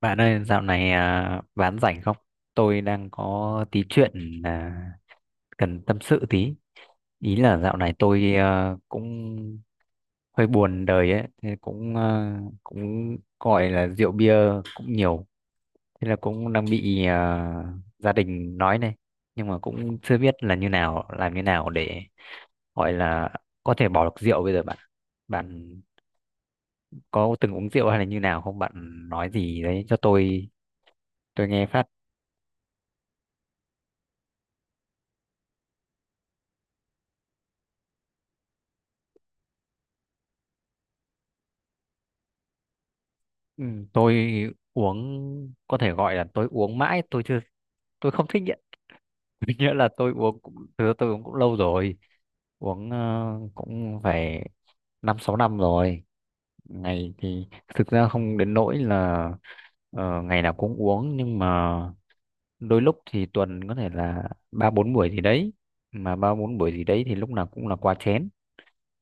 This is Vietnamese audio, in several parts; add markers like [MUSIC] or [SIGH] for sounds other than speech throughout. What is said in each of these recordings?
Bạn ơi, dạo này bán rảnh không? Tôi đang có tí chuyện cần tâm sự tí. Ý là dạo này tôi cũng hơi buồn đời ấy, thế cũng gọi là rượu bia cũng nhiều, thế là cũng đang bị gia đình nói này, nhưng mà cũng chưa biết là như nào, làm như nào để gọi là có thể bỏ được rượu bây giờ bạn. Bạn có từng uống rượu hay là như nào không? Bạn nói gì đấy cho tôi nghe phát. Ừ, tôi uống có thể gọi là tôi uống mãi tôi chưa tôi không thích nghiện. [LAUGHS] Nghĩa là tôi uống cũng thực tôi uống cũng lâu rồi, uống cũng phải năm sáu năm rồi. Ngày thì thực ra không đến nỗi là ngày nào cũng uống, nhưng mà đôi lúc thì tuần có thể là ba bốn buổi gì đấy, mà ba bốn buổi gì đấy thì lúc nào cũng là quá chén,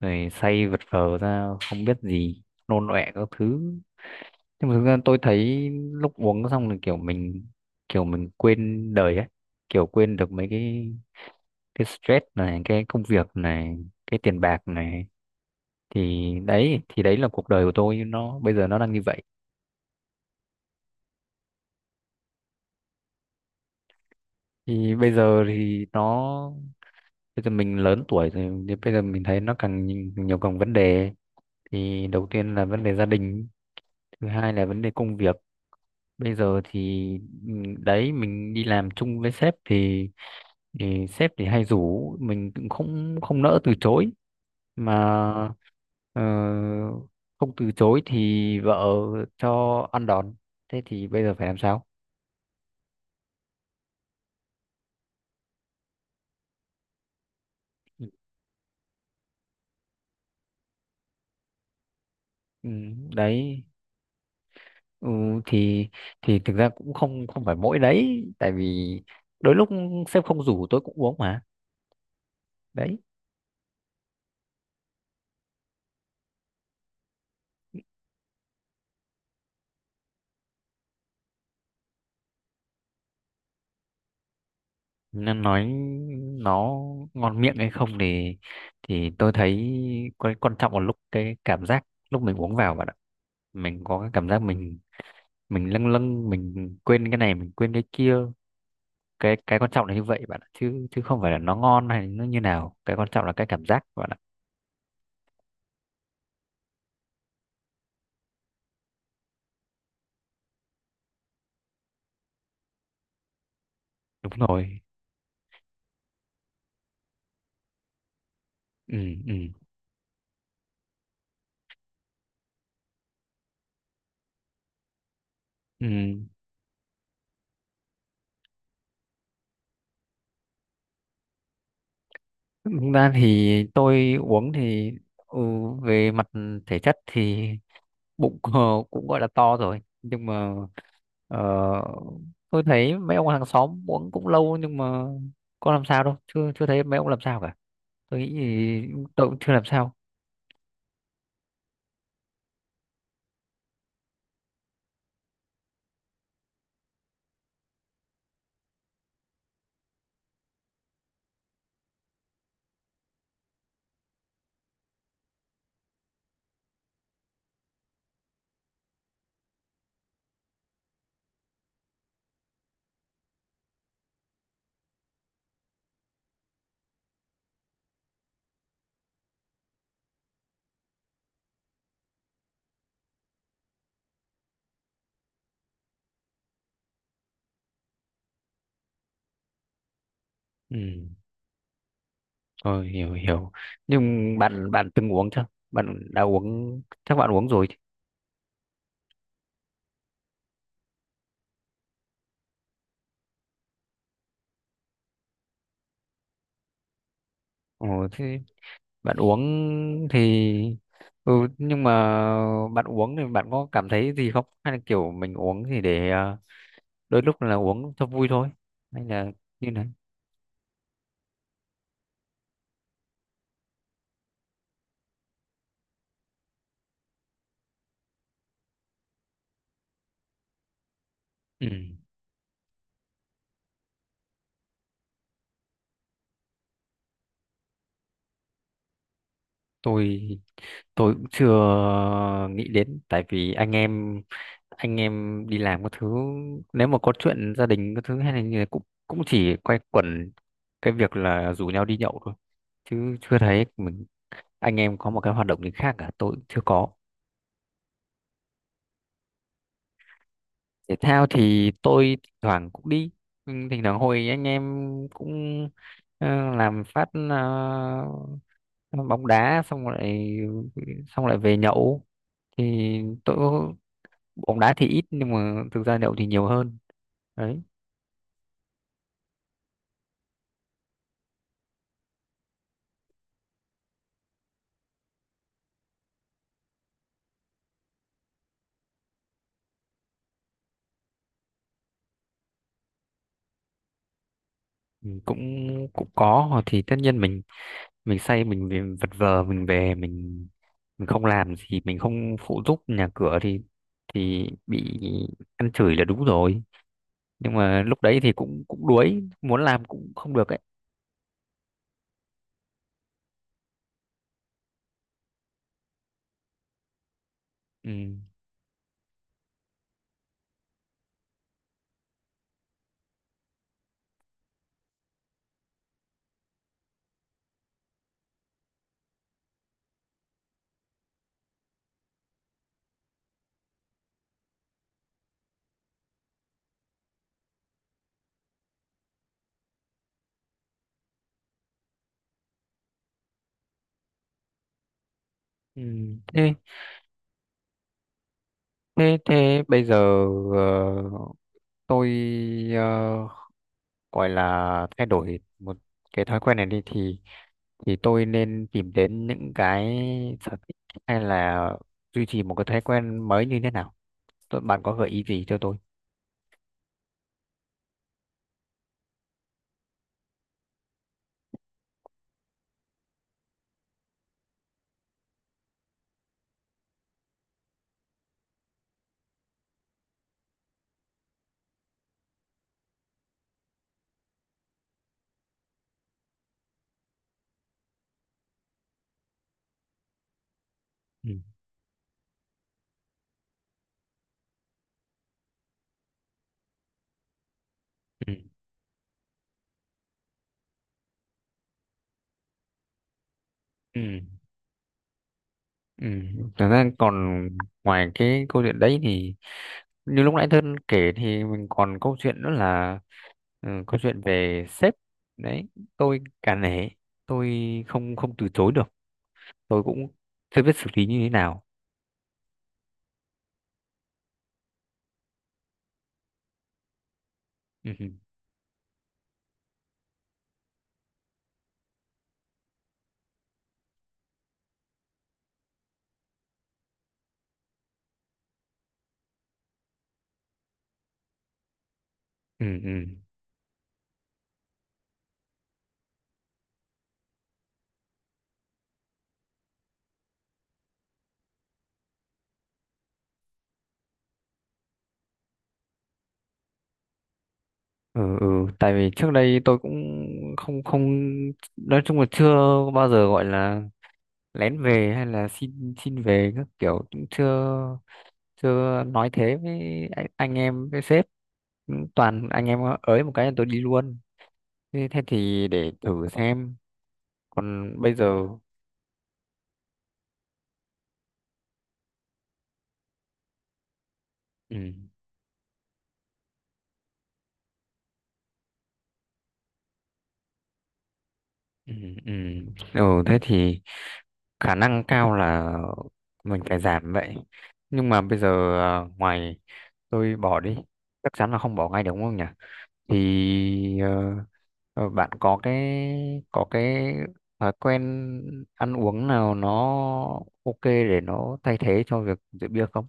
rồi say vật vờ ra không biết gì, nôn ọe các thứ. Nhưng mà thực ra tôi thấy lúc uống xong là kiểu mình quên đời ấy, kiểu quên được mấy cái stress này, cái công việc này, cái tiền bạc này, thì đấy là cuộc đời của tôi nó bây giờ nó đang như vậy. Thì bây giờ thì nó bây giờ mình lớn tuổi rồi thì bây giờ mình thấy nó càng nhiều, nhiều càng vấn đề. Thì đầu tiên là vấn đề gia đình, thứ hai là vấn đề công việc. Bây giờ thì ừ, đấy, mình đi làm chung với sếp thì sếp thì hay rủ, mình cũng không không nỡ từ chối mà. ờ, Không từ chối thì vợ cho ăn đòn, thế thì bây giờ phải làm sao? Ừ, đấy. Ừ, thì thì thực ra cũng không không phải mỗi đấy, tại vì đôi lúc sếp không rủ tôi cũng uống mà, đấy. Nên nói nó ngon miệng hay không thì tôi thấy quan quan trọng là lúc cái cảm giác lúc mình uống vào bạn ạ, mình có cái cảm giác mình lâng lâng, mình quên cái này mình quên cái kia. Cái quan trọng là như vậy bạn ạ, chứ chứ không phải là nó ngon hay nó như nào, cái quan trọng là cái cảm giác bạn ạ. Đúng rồi. Ừ. Ừ. Ừ. Thực ra thì tôi uống thì ừ, về mặt thể chất thì bụng cũng gọi là to rồi, nhưng mà ờ, tôi thấy mấy ông hàng xóm uống cũng lâu, nhưng mà có làm sao đâu, chưa chưa thấy mấy ông làm sao cả, tôi nghĩ thì tôi cũng chưa làm sao. Ừ, tôi hiểu hiểu, nhưng bạn bạn từng uống chưa? Bạn đã uống, chắc bạn uống rồi chứ? Ồ, thế bạn uống thì ừ, nhưng mà bạn uống thì bạn có cảm thấy gì không, hay là kiểu mình uống thì để đôi lúc là uống cho vui thôi, hay là như này? Ừ, tôi tôi cũng chưa nghĩ đến, tại vì anh em đi làm các thứ, nếu mà có chuyện gia đình các thứ hay là như thế cũng cũng chỉ quay quẩn cái việc là rủ nhau đi nhậu thôi, chứ chưa thấy mình anh em có một cái hoạt động gì khác cả, tôi cũng chưa có. Thể thao thì tôi thỉnh thoảng cũng đi. Ừ, thỉnh thoảng hồi anh em cũng làm phát bóng đá xong lại về nhậu, thì tôi bóng đá thì ít nhưng mà thực ra nhậu thì nhiều hơn, đấy. Ừ, cũng cũng có, hoặc thì tất nhiên mình say mình vật vờ mình về mình không làm gì, mình không phụ giúp nhà cửa thì bị ăn chửi là đúng rồi, nhưng mà lúc đấy thì cũng cũng đuối, muốn làm cũng không được ấy. Ừ. Ừ. thế thế thế bây giờ ờ, tôi ờ, gọi là thay đổi một cái thói quen này đi thì tôi nên tìm đến những cái sở thích, hay là duy trì một cái thói quen mới như thế nào, bạn có gợi ý gì cho tôi? Ừ. Ừ. Ừ. Ừ. Thật ra còn ngoài cái câu chuyện đấy thì như lúc nãy Thân kể thì mình còn câu chuyện nữa là câu chuyện về sếp, đấy, tôi cả nể, tôi không không từ chối được, tôi cũng chưa biết xử lý như thế nào. Ừ. Ừ. Ừ. Ừ. Ừ. Ừ. Tại vì trước đây tôi cũng không không nói chung là chưa bao giờ gọi là lén về hay là xin xin về các kiểu, cũng chưa chưa nói thế với anh em với sếp. Cũng toàn anh em ới một cái là tôi đi luôn. Thế thì để thử xem. Còn bây giờ. Ừ. Ừ. Ừ. Ừ. Thế thì khả năng cao là mình phải giảm vậy. Nhưng mà bây giờ ngoài, tôi bỏ đi chắc chắn là không bỏ ngay được đúng không nhỉ, thì bạn có cái thói quen ăn uống nào nó ok để nó thay thế cho việc rượu bia không?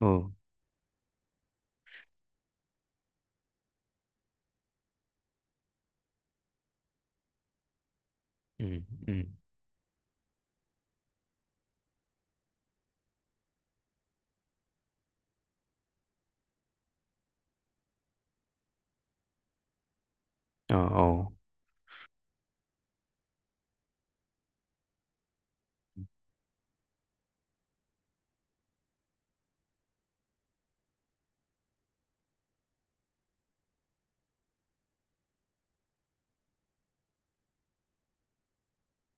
Ừ. Ừ. Ừ. Ờ. Ờ.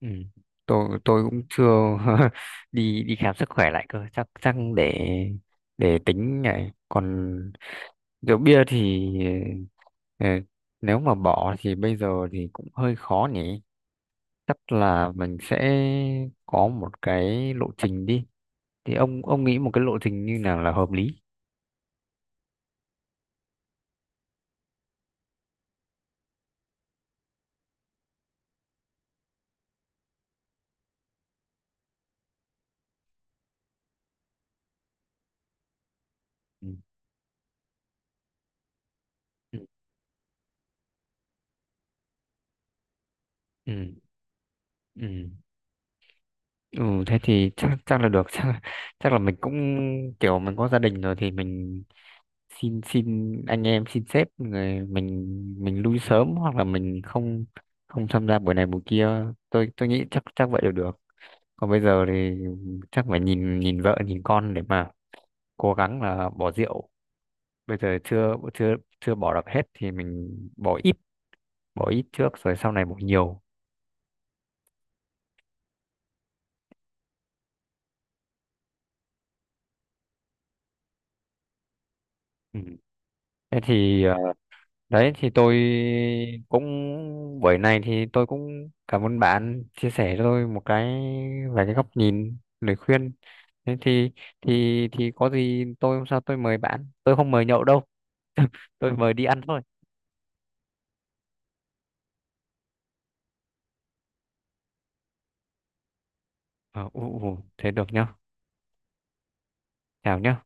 Ừ, tôi cũng chưa. [LAUGHS] đi đi khám sức khỏe lại cơ, chắc chắc để tính này, còn rượu bia thì ờ, nếu mà bỏ thì bây giờ thì cũng hơi khó nhỉ, chắc là mình sẽ có một cái lộ trình đi, thì ông nghĩ một cái lộ trình như nào là hợp lý? Ừ. Ừ. Ừ. Ừ. Ừ, thế thì chắc chắc là được. [LAUGHS] chắc chắc là mình cũng kiểu mình có gia đình rồi thì mình xin xin anh em xin sếp, người mình lui sớm hoặc là mình không không tham gia buổi này buổi kia, tôi nghĩ chắc chắc vậy là được. Còn bây giờ thì chắc phải nhìn nhìn vợ nhìn con để mà cố gắng là bỏ rượu, bây giờ chưa chưa chưa bỏ được hết thì mình bỏ ít bỏ ít trước rồi sau này bỏ nhiều. Ừ. Thế thì đấy thì tôi cũng buổi này thì tôi cũng cảm ơn bạn chia sẻ cho tôi một cái về cái góc nhìn lời khuyên. Thế thì thì có gì tôi hôm sau tôi mời bạn. Tôi không mời nhậu đâu. [LAUGHS] Tôi mời đi ăn thôi. Ờ, ù, ù, thế được nhá. Chào nhá.